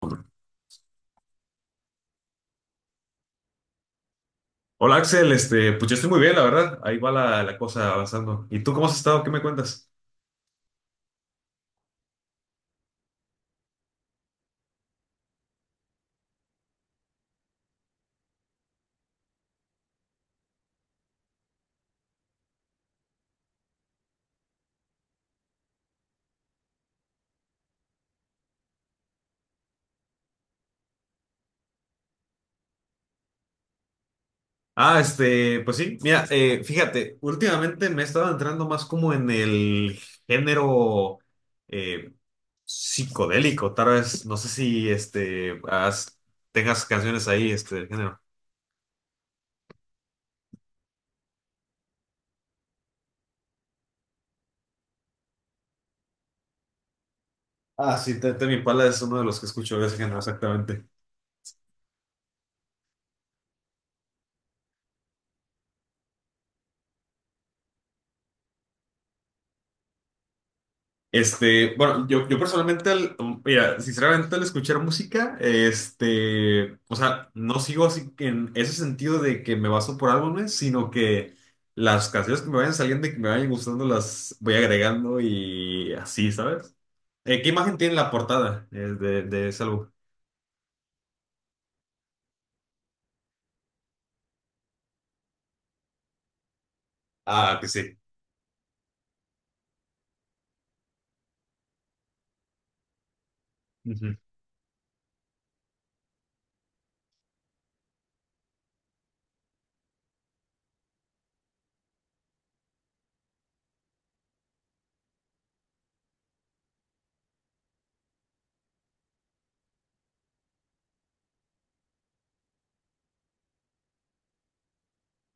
Hola Axel, pues yo estoy muy bien, la verdad. Ahí va la cosa avanzando. ¿Y tú cómo has estado? ¿Qué me cuentas? Ah, pues sí, mira, fíjate, últimamente me he estado entrando más como en el género eh, psicodélico, tal vez, no sé si tengas canciones ahí, del género. Ah, sí, Temi Impala es uno de los que escucho de ese género, exactamente. Bueno, yo personalmente, mira, sinceramente al escuchar música, o sea, no sigo así que en ese sentido de que me baso por álbumes, sino que las canciones que me vayan saliendo y que me vayan gustando las voy agregando y así, ¿sabes? ¿Qué imagen tiene la portada, de ese álbum? Ah, que sí. Ujú.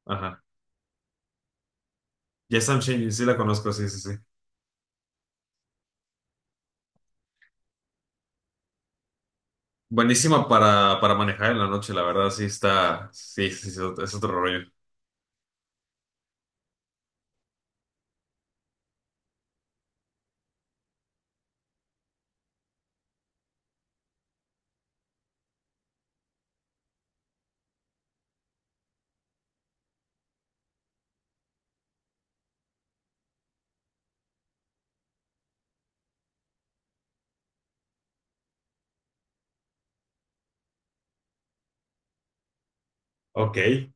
Ajá. Yes, I'm Changing, sí la conozco, sí, sí, sí. Buenísima para manejar en la noche, la verdad, sí está, sí, sí, sí, es otro rollo. Ok.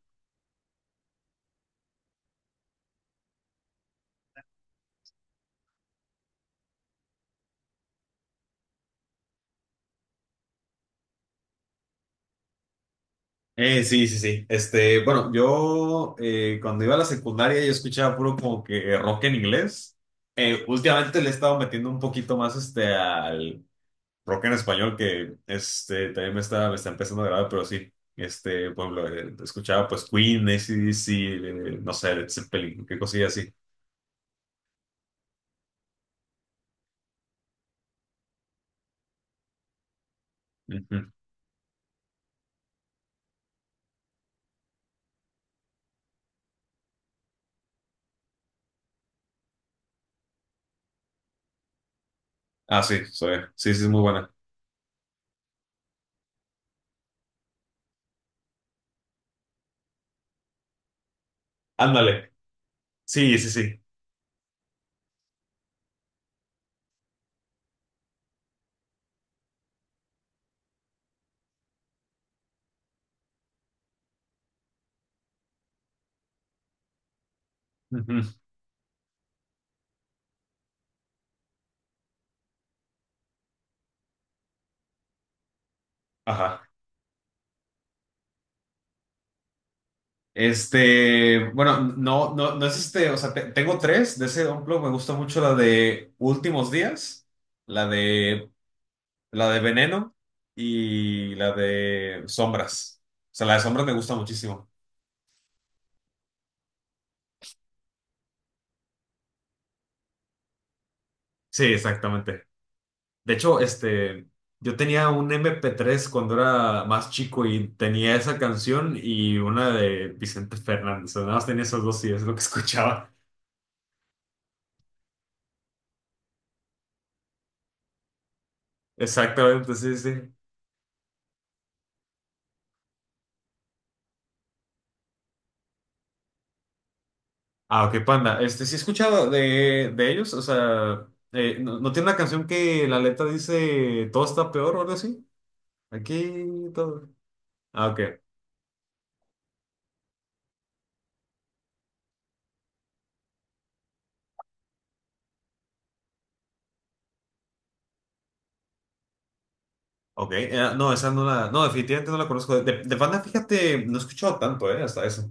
Sí, sí, sí. Bueno, yo, cuando iba a la secundaria yo escuchaba puro como que rock en inglés. Últimamente le he estado metiendo un poquito más al rock en español, que también me está empezando a agradar, pero sí. Por ejemplo, escuchaba pues Queen, AC/DC, no sé, Led Zeppelin, qué cosilla así. Ujú. Ah, sí, soy, sí, sí, es muy buena. Ándale. Sí, sí, sí. Ujú. Ajá. Bueno, no, no, no es este, o sea, tengo tres de ese Unplugged. Me gusta mucho la de Últimos Días, la de, la de Veneno y la de Sombras. O sea, la de Sombras me gusta muchísimo. Sí, exactamente. De hecho, yo tenía un MP3 cuando era más chico y tenía esa canción y una de Vicente Fernández. O sea, nada más tenía esos dos y es lo que escuchaba. Exactamente, sí, sí. Ah, ok, Panda. Sí he escuchado de ellos, o sea, ¿no, no tiene una canción que la letra dice todo está peor o algo así? Aquí todo. Ah, ok. Ok, no, esa no la, no, definitivamente no la conozco. De Panda, fíjate, no he escuchado tanto, ¿eh? Hasta eso.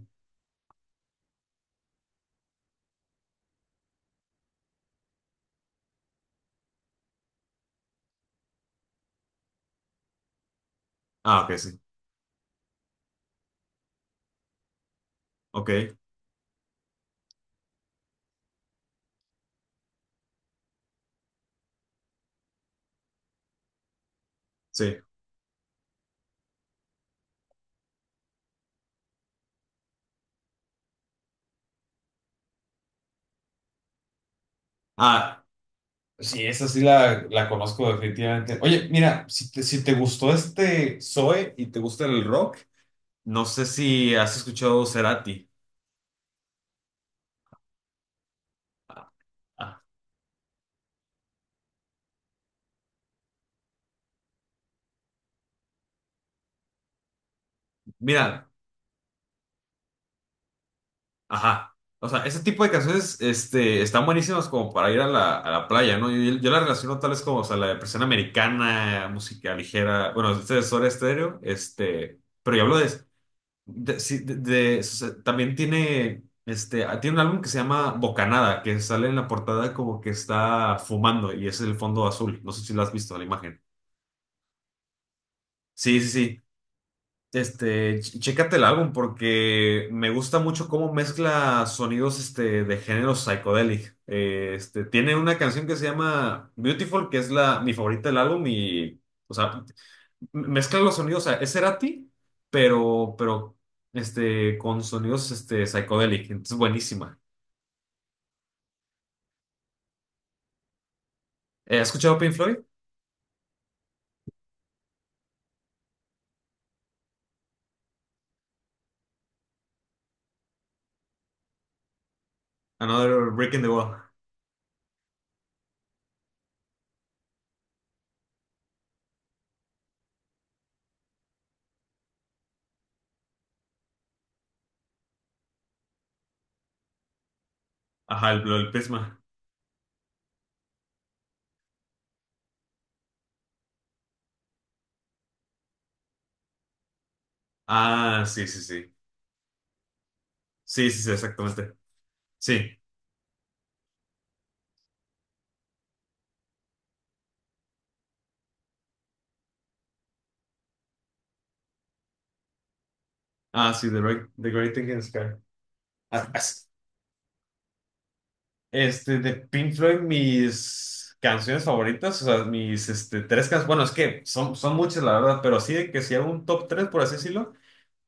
Ah, ok, sí. Ok, sí. Ah, sí, esa sí la conozco, definitivamente. Oye, mira, si te gustó este Zoe y te gusta el rock, no sé si has escuchado Cerati. Ah, ah. Mira, ajá. O sea, ese tipo de canciones, están buenísimas como para ir a la playa, ¿no? Yo la relaciono tal vez como, o sea, la depresión americana, música ligera, bueno, este es Soda Stereo. Pero yo hablo de, sí, o sea, también tiene un álbum que se llama Bocanada, que sale en la portada como que está fumando y es el fondo azul, no sé si lo has visto la imagen. Sí, sí, sí. Chécate el álbum, porque me gusta mucho cómo mezcla sonidos, de género psychedelic. Tiene una canción que se llama Beautiful, que es mi favorita del álbum, y o sea, mezcla los sonidos. O sea, es Cerati, pero, con sonidos, psychedelic. Entonces, buenísima. ¿Has escuchado Pink Floyd? Another Brick in the Wall. Ajá, el, Prisma. Ah, sí, sí, sí. Sí, sí, sí, exactamente. Sí. Ah, sí, The Great Thing in the Sky. as- de Pink Floyd, mis canciones favoritas, o sea, mis, tres canciones, bueno, es que son muchas, la verdad. Pero sí, de que si hago un top tres, por así decirlo,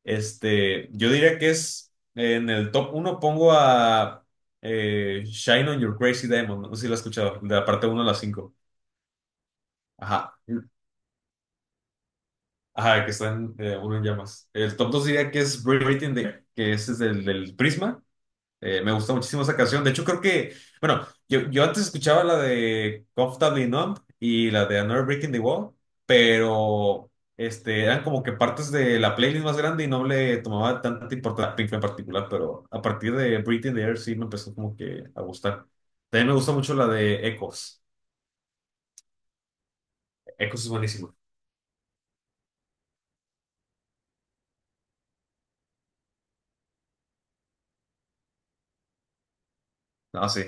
yo diría que es, en el top uno pongo a, Shine on Your Crazy Diamond, no sé si lo has escuchado, de la parte uno a la cinco. Ajá, ajá, que están, uno en llamas. El top 2 diría que es Breathing, the, que ese es del Prisma. Me gusta muchísimo esa canción. De hecho, creo que, bueno, yo antes escuchaba la de Comfortably Numb y la de Another Breaking the Wall, pero eran como que partes de la playlist más grande y no le tomaba tanta importancia a Pink en particular, pero a partir de Breathing the Air sí me empezó como que a gustar. También me gusta mucho la de Echoes. Echoes es buenísimo. Ah, sí,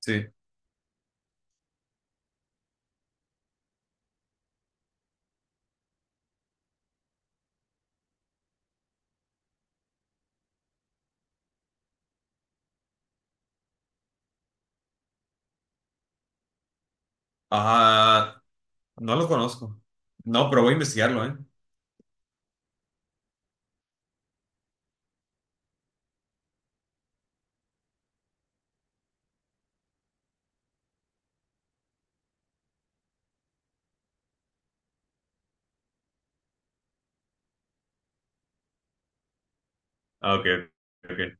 sí. Ah, no lo conozco. No, pero voy a investigarlo, ¿eh? Ah, ok, ok.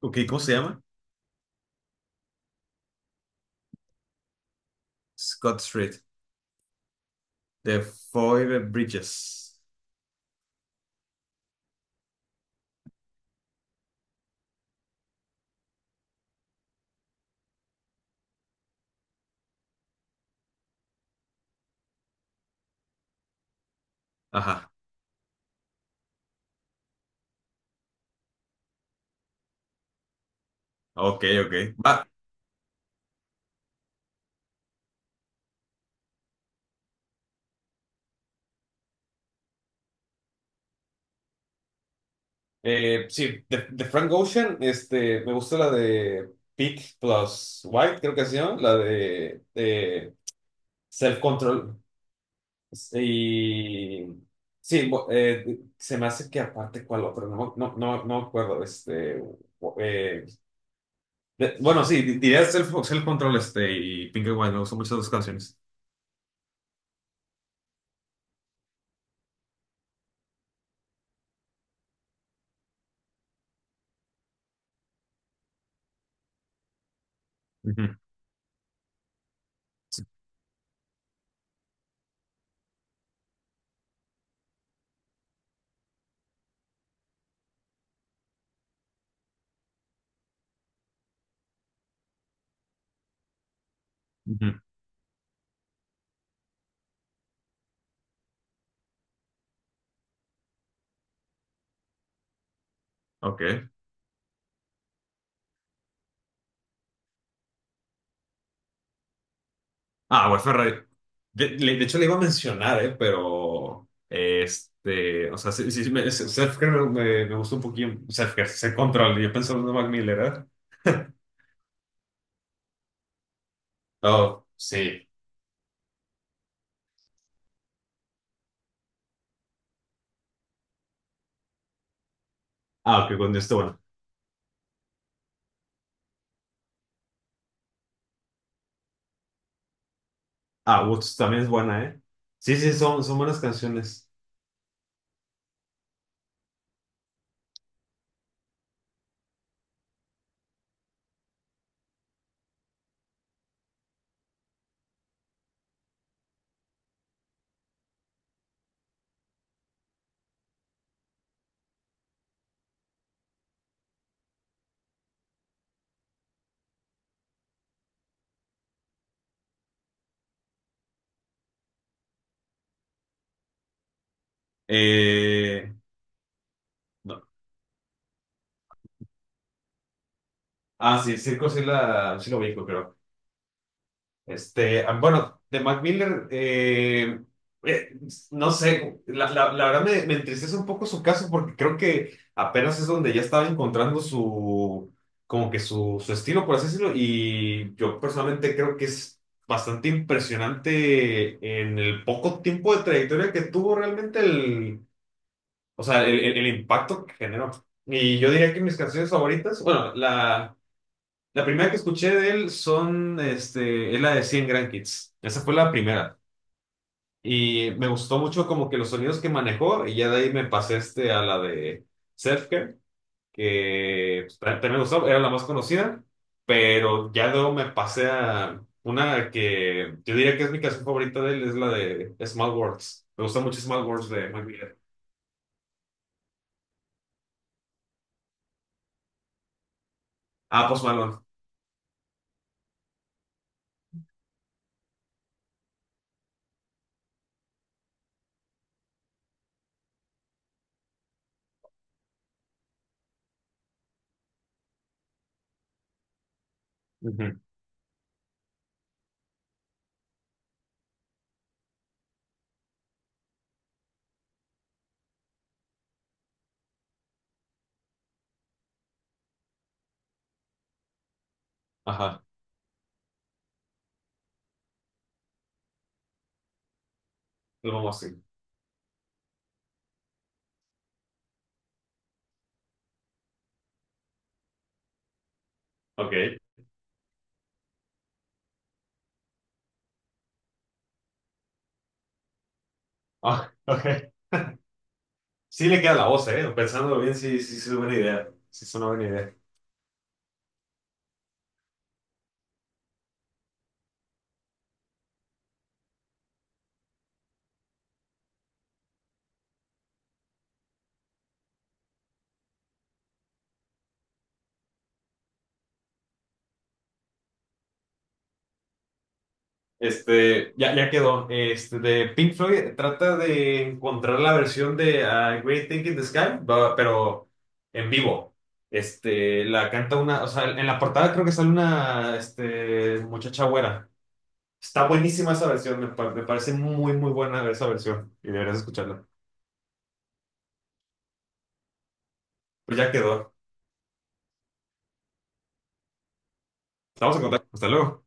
Ok, ¿cómo se llama? Scott Street. The Five Bridges. Ajá. Ok, ok. Va. Sí, de Frank Ocean, me gusta la de Peak plus White, creo que se llama, la de Self Control. Y sí, se me hace que aparte cuál otro, no, no, no, no me acuerdo. Eh, bueno, sí, diría Self Control, y Pink and White. Me gustan mucho esas dos canciones. Ujú, ujú. Ok. Ah, bueno, Ferrari. De hecho, le iba a mencionar, ¿eh? Pero, o sea, sí, sí, sí, Selfcare me, me gustó un poquito. Selfcare, se control. Yo pensaba en Mac Miller, ¿eh? Oh, sí. Ah, ok, con esto, bueno. Ah, Woods también es buena, ¿eh? Sí, sí, son buenas canciones. Eh, no. Ah, sí, Circo sí, sí lo vi, creo. Bueno, de Mac Miller, eh, no sé, la verdad me entristece un poco su caso, porque creo que apenas es donde ya estaba encontrando su, como que su estilo, por así decirlo, y yo personalmente creo que es bastante impresionante en el poco tiempo de trayectoria que tuvo realmente o sea, el impacto que generó. Y yo diría que mis canciones favoritas, bueno, la primera que escuché de él, es la de 100 Grand Kids. Esa fue la primera. Y me gustó mucho como que los sonidos que manejó, y ya de ahí me pasé a la de Self, que pues, también me gustó, era la más conocida. Pero ya luego me pasé a una que yo diría que es mi canción favorita de él, es la de Small Worlds. Me gusta mucho Small Worlds de Mike Miller. Ah, Post Malone. Ujú. Ajá, lo vamos así. Ok. Ah, ok. Sí le queda la voz, ¿eh? Pensándolo bien, sí, sí, sí es buena idea. Sí es una buena idea. Ya quedó. De Pink Floyd, trata de encontrar la versión de, Great Thing in the Sky, pero en vivo. La canta una, o sea, en la portada creo que sale una, muchacha güera. Está buenísima esa versión. Me parece muy, muy buena esa versión y deberías escucharla. Pues ya quedó. Estamos en contacto. Hasta luego.